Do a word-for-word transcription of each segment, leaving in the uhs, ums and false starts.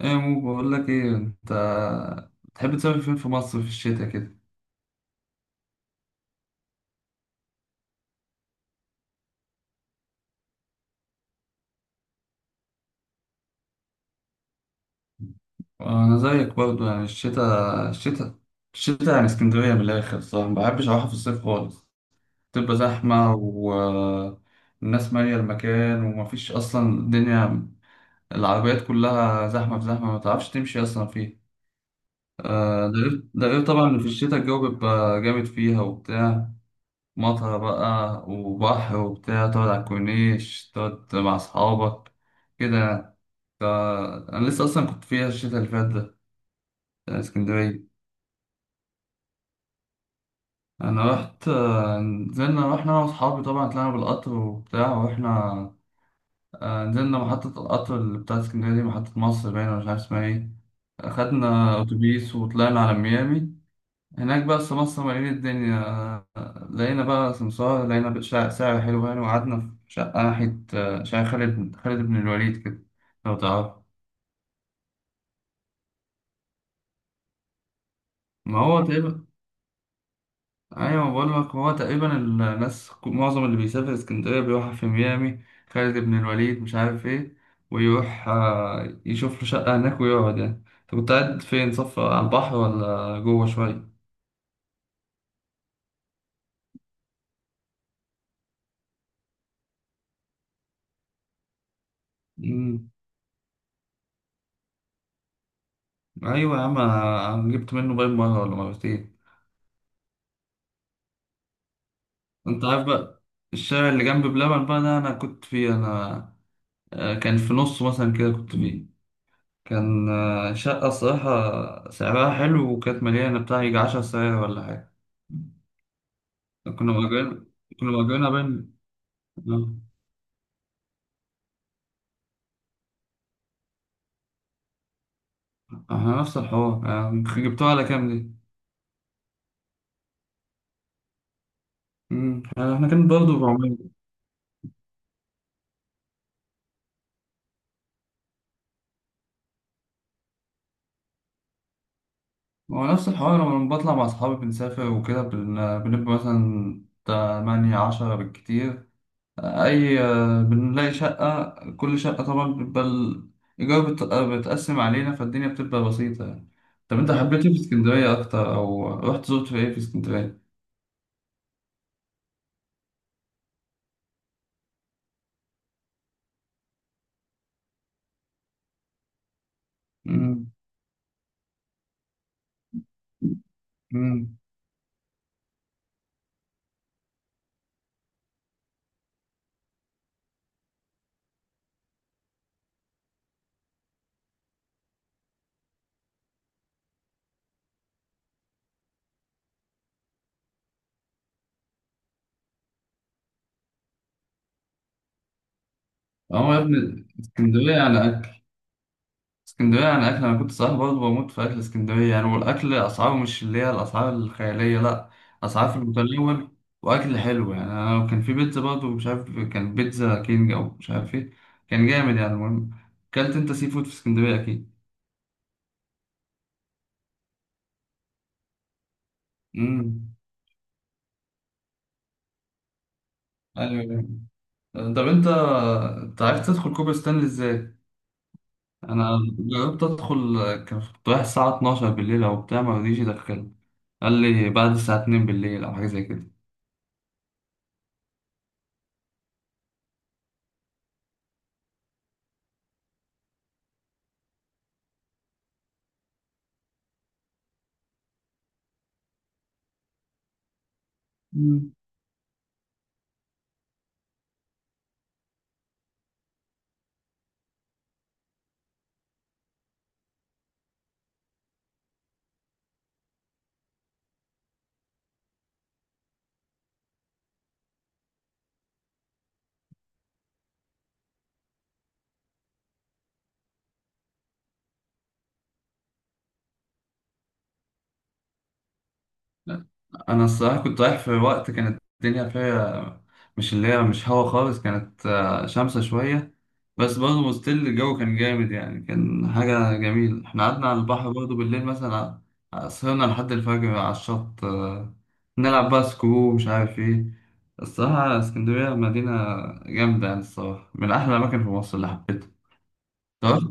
ايه مو بقول لك ايه انت بتحب تسافر فين في مصر في الشتاء كده؟ انا زيك برضو يعني الشتاء الشتاء الشتاء يعني اسكندريه من الاخر صح. ما بحبش اروحها في الصيف خالص. تبقى زحمه والناس ماليه المكان ومفيش اصلا الدنيا. العربيات كلها زحمه في زحمه ما تعرفش تمشي اصلا فيه. آه، ده غير ده غير طبعا إن في الشتاء الجو بيبقى جامد فيها وبتاع. مطرة بقى وبحر وبتاع تقعد على الكورنيش تقعد مع أصحابك كده يعني. ف- أنا لسه أصلا كنت فيها الشتا اللي فات ده بتاع اسكندرية. أنا رحت، آه، نزلنا رحنا أنا وأصحابي طبعا طلعنا بالقطر وبتاع ورحنا. آه، نزلنا محطة القطر اللي بتاعت اسكندرية دي محطة مصر باينة مش عارف اسمها ايه. أخدنا أتوبيس وطلعنا على ميامي. هناك بقى في مصر مليانة الدنيا. لقينا بقى سمسار لقينا شقة سعر حلو يعني وقعدنا في شقة ناحية، آه، شقة خالد خالد بن الوليد كده لو تعرف. ما هو تقريبا. أيوة بقول لك هو تقريبا الناس ك- معظم اللي بيسافر اسكندرية بيروح في ميامي خالد بن الوليد مش عارف إيه ويروح، آه، يشوف له شقة هناك ويقعد يعني. أنت كنت قاعد فين صف على البحر ولا جوه شوية؟ مم. أيوة يا عم أنا جبت منه باين مرة ولا مرتين. أنت عارف بقى الشارع اللي جنب بلبن بقى ده أنا كنت فيه أنا. آه، كان في نص مثلا كده كنت فيه. كان، آه، شقة الصراحة سعرها حلو وكانت مليانة بتاع يجي عشر ساعات ولا حاجة. كنا مأجرين كنا مأجرينها بين. آه، احنا نفس الحوار. آه، جبتوها على كام دي؟ مم. يعني احنا كان برضه بعمل. هو نفس الحوار لما بطلع مع أصحابي بنسافر وكده بن... بنبقى مثلا تمانية عشرة بالكتير. أي، آه، بنلاقي شقة كل شقة طبعا بيبقى الإيجار بت- آه، بتقسم علينا فالدنيا بتبقى بسيطة يعني. طب أنت، مم. حبيت إيه في اسكندرية أكتر أو رحت زرت في إيه في اسكندرية؟ مم. مم. أه يا ابني اسكندرية يعني. اسكندرية يعني أكل أنا كنت صراحة برضه بموت في أكل اسكندرية يعني والأكل أسعاره مش اللي هي الأسعار الخيالية لأ. أسعار في المتناول وأكل حلو يعني أنا كان في بيتزا برضه مش عارف كان بيتزا كينج أو مش عارف إيه كان جامد يعني المهم. أكلت أنت سي فود في اسكندرية أكيد؟ أمم. أيوه أيوة. طب أنت أنت عرفت تدخل كوبري ستانلي إزاي؟ أنا جربت أدخل. كان- كنت رايح الساعة اتناشر بالليل أو بتاع مرضيش يدخلني. قال لي بعد الساعة اتنين بالليل أو حاجة زي كده. مم. انا الصراحه كنت رايح في وقت كانت الدنيا فيها مش اللي هي مش هوا خالص كانت، آه، شمسة شويه. بس برضه ستيل الجو كان جامد يعني كان حاجه جميله احنا قعدنا على البحر برضه بالليل مثلا. ع- سهرنا لحد الفجر على الشط، آه، نلعب بقى سكرو مش عارف ايه. الصراحه اسكندريه مدينه جامده يعني الصراحه من احلى الاماكن في مصر اللي حبيتها. رحت.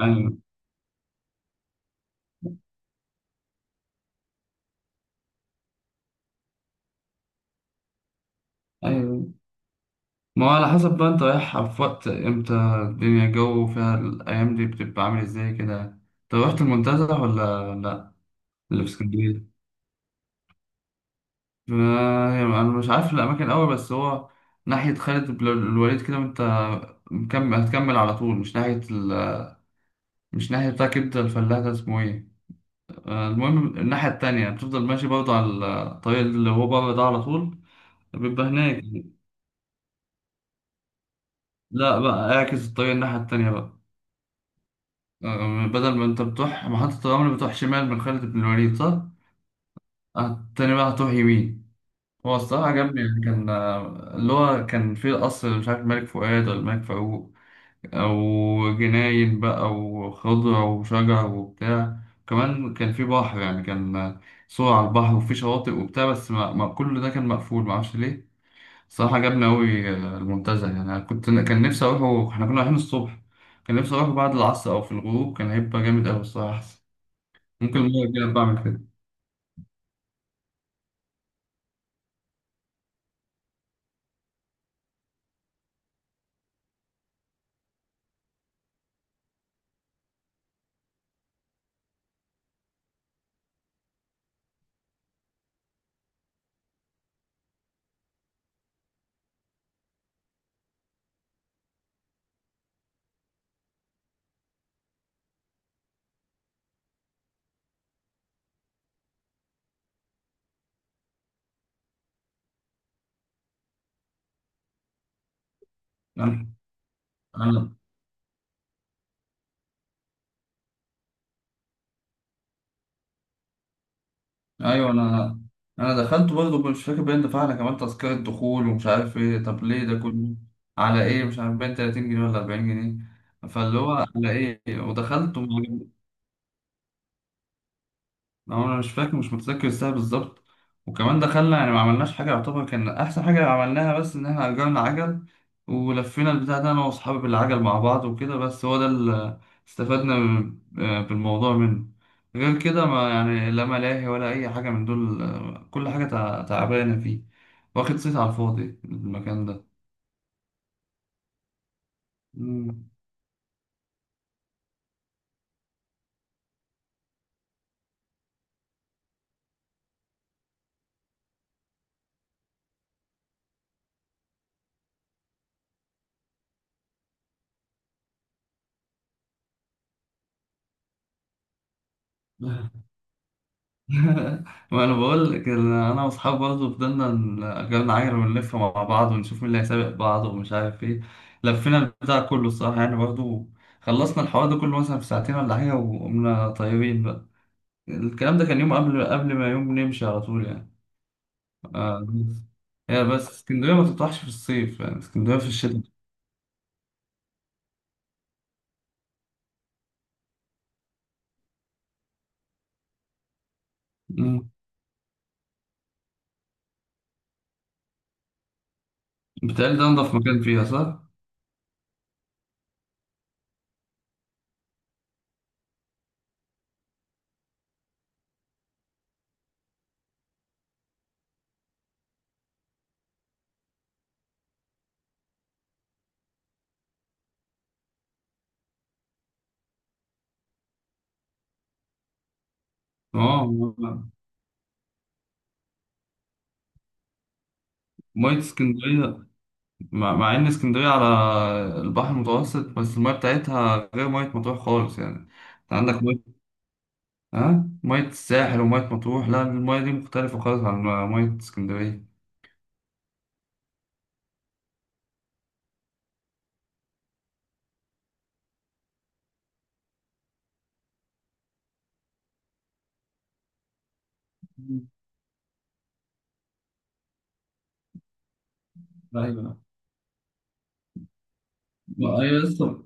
ايوه ايوه. ما هو على حسب بقى انت رايح في وقت امتى. الدنيا الجو فيها الايام دي بتبقى عامل ازاي كده. طب رحت المنتزه ولا لا اللي في اسكندريه؟ ف- انا مش عارف الاماكن قوي بس هو ناحيه خالد بن الوليد كده وانت مكمل هتكمل على طول مش ناحيه ال... مش ناحيه بتاع كبده الفلاح ده اسمه ايه. آه، المهم الناحيه التانية بتفضل ماشي برضه على الطريق اللي هو بره ده على طول بيبقى هناك. لا بقى اعكس الطريق الناحيه التانية بقى. آه، بدل ما انت بتروح محطة الرمل بتروح شمال من خالد بن الوليد صح؟ آه، التاني بقى هتروح يمين. هو الصراحة عجبني يعني كان، آه، اللي هو كان فيه القصر مش عارف ملك فؤاد ولا ملك فاروق أو جناين بقى وخضرة وشجر وبتاع. كمان كان فيه بحر يعني كان، آه، صور على البحر وفيه شواطئ وبتاع بس ما ما كل ده كان مقفول معرفش ليه. الصراحة عجبني أوي، آه، المنتزه يعني أنا كنت كان نفسي أروحه إحنا كنا رايحين الصبح. كان نفسي أروحه بعد العصر أو في الغروب كان هيبقى جامد أوي الصراحة. ممكن المرة الجاية بعمل كده. أنا أنا أيوه، أنا أنا دخلت برضه مش فاكر باين دفعنا كمان تذكرة دخول ومش عارف إيه طب ليه ده كله على إيه مش عارف باين ثلاثين جنيه ولا أربعين جنيه. فاللي هو على إيه ودخلت. هو انا مش فاكر مش متذكر الساعه بالظبط. وكمان دخلنا يعني ما عملناش حاجه يعتبر كان احسن حاجه عملناها بس ان احنا اجرنا عجل ولفينا البتاع ده انا واصحابي بالعجل مع بعض وكده بس هو ده اللي استفدنا، ب- آه، بالموضوع منه. غير كده ما يعني لا ملاهي ولا اي حاجه من دول، آه، كل حاجه تع- تعبانه فيه. واخد صيت على الفاضي المكان ده. مم. ما انا بقول لك إن انا واصحابي برضه فضلنا، ن- جالنا عجله ونلف مع بعض ونشوف مين اللي هيسابق بعض ومش عارف ايه. لفينا البتاع كله الصراحه يعني برضه. خلصنا الحوار ده كله مثلا في ساعتين ولا حاجه وقمنا طايرين بقى. الكلام ده كان يوم قبل قبل ما يوم نمشي على طول يعني. آه بس. هي بس اسكندريه ما تطرحش في الصيف يعني اسكندريه في الشتاء. مم. بيتهيألي ده انضف مكان فيها صح؟ اه. مية اسكندرية مع مع إن اسكندرية على البحر المتوسط بس المية بتاعتها غير مية مطروح خالص يعني أنت عندك مية. ها مية الساحل ومية مطروح لا المية دي مختلفة خالص عن مية اسكندرية. مم. أيوة، ما- أيوة لسه.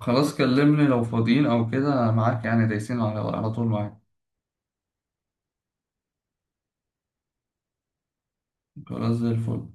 خلاص كلمني لو فاضيين أو كده معاك يعني دايسين على على طول معاك. خلاص زي الفل.